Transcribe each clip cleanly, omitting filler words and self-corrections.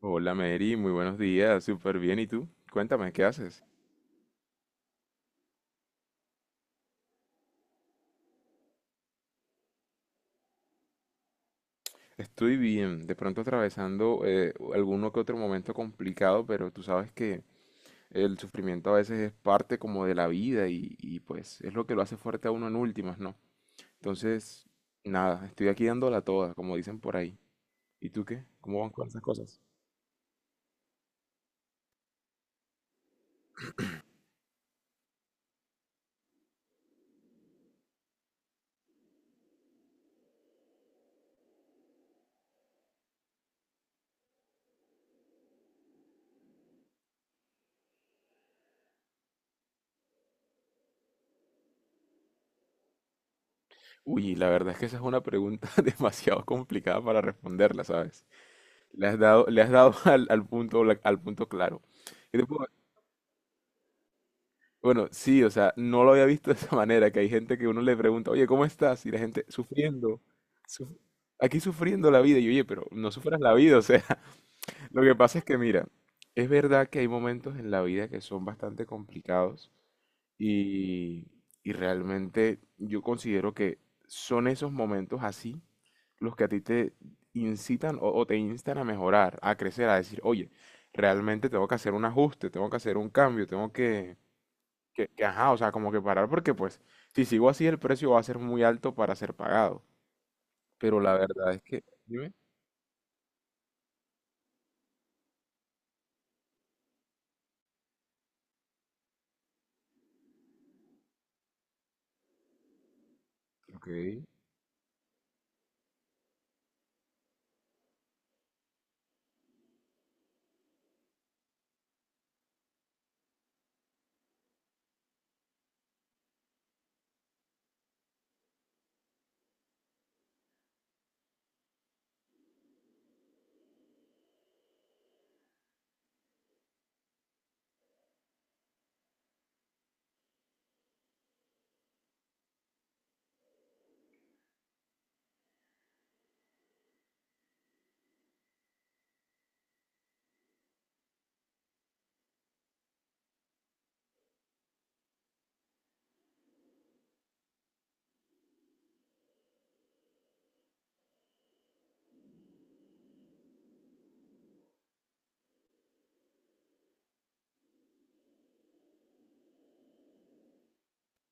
Hola Mary, muy buenos días, súper bien. ¿Y tú? Cuéntame, ¿qué haces? Estoy bien, de pronto atravesando alguno que otro momento complicado, pero tú sabes que el sufrimiento a veces es parte como de la vida y pues es lo que lo hace fuerte a uno en últimas, ¿no? Entonces, nada, estoy aquí dándola toda, como dicen por ahí. ¿Y tú qué? ¿Cómo van con esas cosas? Uy, la verdad es que esa es una pregunta demasiado complicada para responderla, ¿sabes? Le has dado al punto, al punto claro. ¿Qué te puedo Bueno, sí, o sea, no lo había visto de esa manera, que hay gente que uno le pregunta, oye, ¿cómo estás? Y la gente sufriendo, suf- aquí sufriendo la vida. Y yo, oye, pero no sufras la vida, o sea, lo que pasa es que mira, es verdad que hay momentos en la vida que son bastante complicados y, y realmente yo considero que son esos momentos así los que a ti te incitan o te instan a mejorar, a crecer, a decir, oye, realmente tengo que hacer un ajuste, tengo que hacer un cambio, tengo que ajá, o sea, como que parar porque pues si sigo así el precio va a ser muy alto para ser pagado. Pero la verdad es que, dime, ok,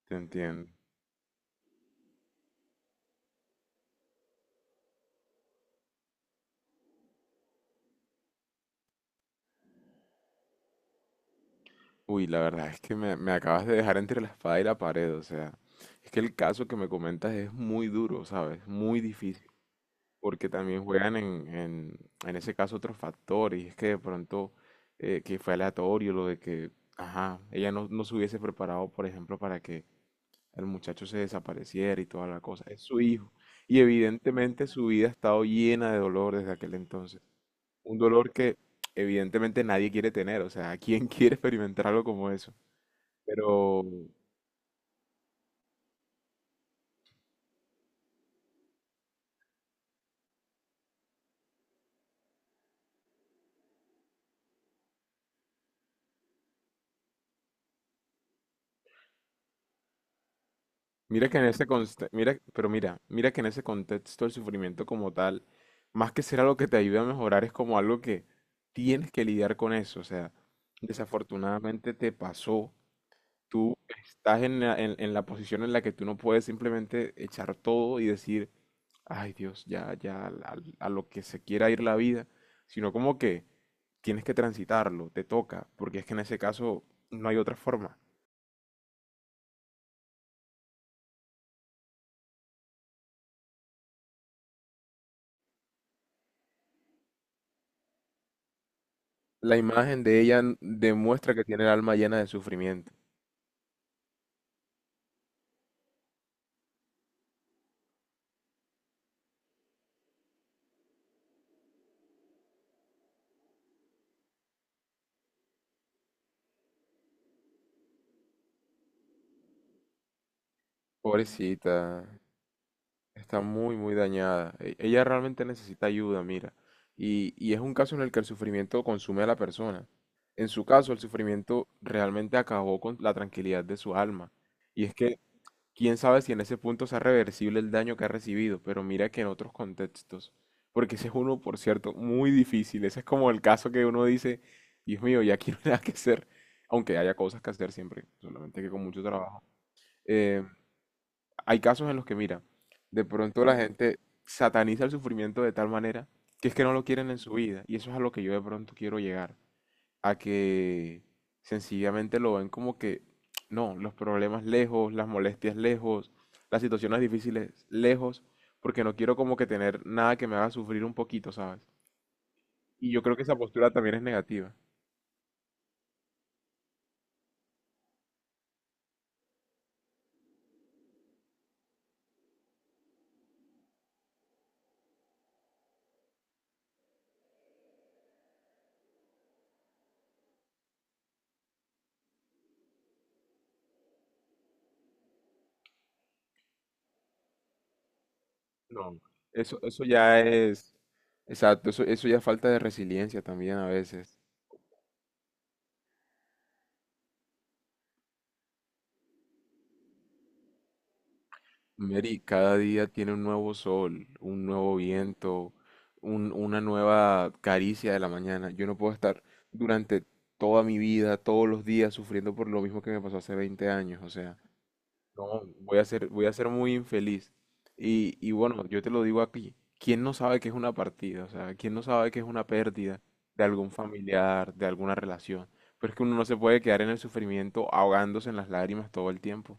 te entiendo. Uy, la verdad es que me acabas de dejar entre la espada y la pared, o sea, es que el caso que me comentas es muy duro, ¿sabes? Muy difícil, porque también juegan en ese caso otros factores, y es que de pronto que fue aleatorio lo de que, ajá, ella no, no se hubiese preparado, por ejemplo, para que el muchacho se desapareciera y toda la cosa. Es su hijo. Y evidentemente su vida ha estado llena de dolor desde aquel entonces. Un dolor que evidentemente nadie quiere tener. O sea, ¿quién quiere experimentar algo como eso? Pero mira que mira, pero mira, mira que en ese contexto el sufrimiento como tal, más que ser algo que te ayude a mejorar, es como algo que tienes que lidiar con eso. O sea, desafortunadamente te pasó tú estás en en la posición en la que tú no puedes simplemente echar todo y decir, ay Dios, ya, ya, lo que se quiera ir la vida, sino como que tienes que transitarlo, te toca, porque es que en ese caso no hay otra forma. La imagen de ella demuestra que tiene el alma llena de sufrimiento. Pobrecita. Está muy, muy dañada. Ella realmente necesita ayuda, mira. Y es un caso en el que el sufrimiento consume a la persona. En su caso, el sufrimiento realmente acabó con la tranquilidad de su alma. Y es que, quién sabe si en ese punto sea reversible el daño que ha recibido, pero mira que en otros contextos, porque ese es uno, por cierto, muy difícil. Ese es como el caso que uno dice, Dios mío, ya aquí no hay nada que hacer, aunque haya cosas que hacer siempre, solamente que con mucho trabajo. Eh, hay casos en los que, mira, de pronto la gente sataniza el sufrimiento de tal manera que es que no lo quieren en su vida. Y eso es a lo que yo de pronto quiero llegar. A que sencillamente lo ven como que, no, los problemas lejos, las molestias lejos, las situaciones difíciles lejos, porque no quiero como que tener nada que me haga sufrir un poquito, ¿sabes? Y yo creo que esa postura también es negativa. No, eso ya es, exacto, eso ya es falta de resiliencia también a veces. Mary, cada día tiene un nuevo sol, un nuevo viento, una nueva caricia de la mañana. Yo no puedo estar durante toda mi vida, todos los días, sufriendo por lo mismo que me pasó hace 20 años. O sea, no, voy a ser muy infeliz. Y bueno, yo te lo digo aquí, ¿quién no sabe qué es una partida? O sea, ¿quién no sabe qué es una pérdida de algún familiar, de alguna relación? Pero es que uno no se puede quedar en el sufrimiento ahogándose en las lágrimas todo el tiempo.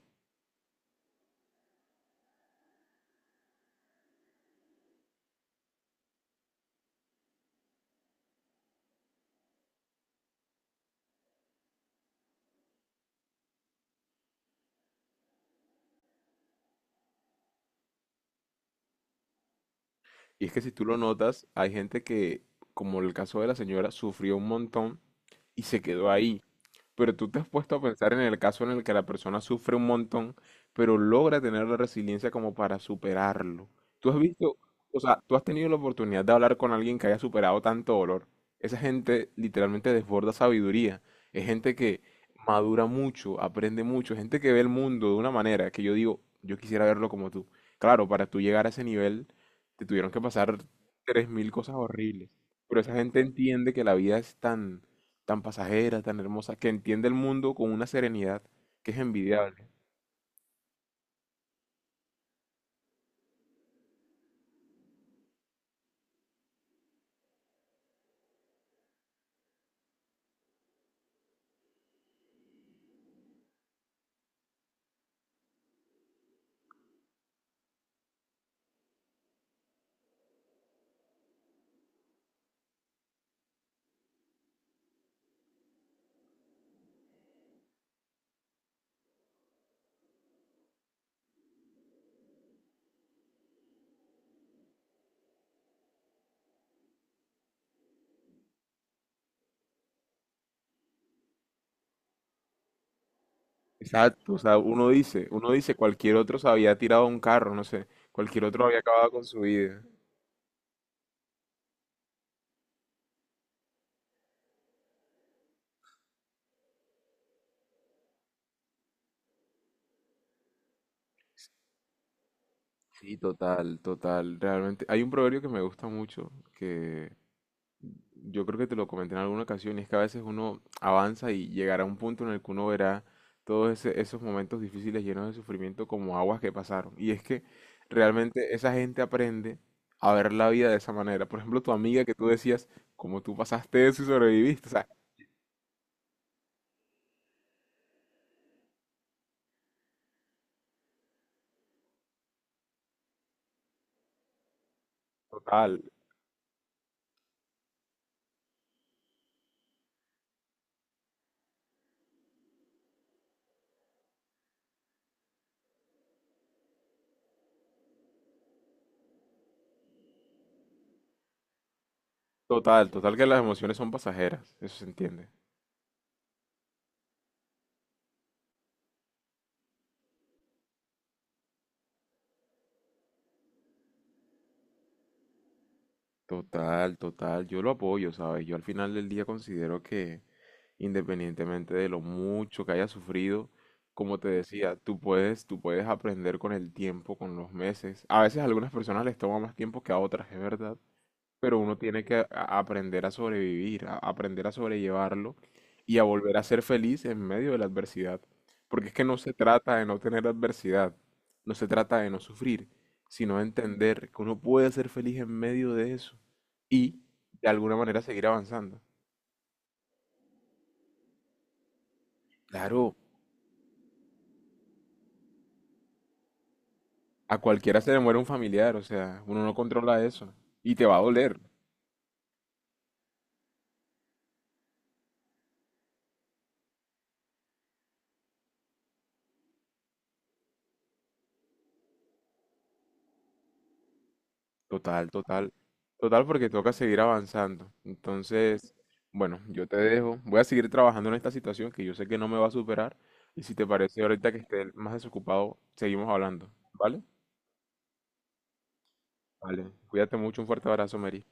Y es que si tú lo notas, hay gente que, como el caso de la señora, sufrió un montón y se quedó ahí. Pero tú te has puesto a pensar en el caso en el que la persona sufre un montón, pero logra tener la resiliencia como para superarlo. Tú has visto, o sea, tú has tenido la oportunidad de hablar con alguien que haya superado tanto dolor. Esa gente literalmente desborda sabiduría. Es gente que madura mucho, aprende mucho, gente que ve el mundo de una manera que yo digo, yo quisiera verlo como tú. Claro, para tú llegar a ese nivel, te tuvieron que pasar 3000 cosas horribles. Pero esa gente entiende que la vida es tan pasajera, tan hermosa, que entiende el mundo con una serenidad que es envidiable. Exacto, o sea, uno dice, cualquier otro se había tirado a un carro, no sé, cualquier otro había acabado con su vida. Sí, total, total, realmente. Hay un proverbio que me gusta mucho, que Yo creo que te lo comenté en alguna ocasión, y es que a veces uno avanza y llegará a un punto en el que uno verá esos momentos difíciles llenos de sufrimiento como aguas que pasaron. Y es que realmente esa gente aprende a ver la vida de esa manera. Por ejemplo, tu amiga que tú decías, como tú pasaste eso y sobreviviste. O sea, total, total que las emociones son pasajeras, eso se entiende. Total, total. Yo lo apoyo, ¿sabes? Yo al final del día considero que independientemente de lo mucho que hayas sufrido, como te decía, tú puedes aprender con el tiempo, con los meses. A veces a algunas personas les toma más tiempo que a otras, es verdad pero uno tiene que aprender a sobrevivir, a aprender a sobrellevarlo y a volver a ser feliz en medio de la adversidad. Porque es que no se trata de no tener adversidad, no se trata de no sufrir, sino de entender que uno puede ser feliz en medio de eso y de alguna manera seguir avanzando. Claro, a cualquiera se le muere un familiar, o sea, uno no controla eso y te va a doler, Total, total, total, porque toca seguir avanzando. Entonces, bueno, yo te dejo. Voy a seguir trabajando en esta situación que yo sé que no me va a superar. Y si te parece ahorita que esté más desocupado, seguimos hablando, ¿vale? Vale. Cuídate mucho, un fuerte abrazo, Mary.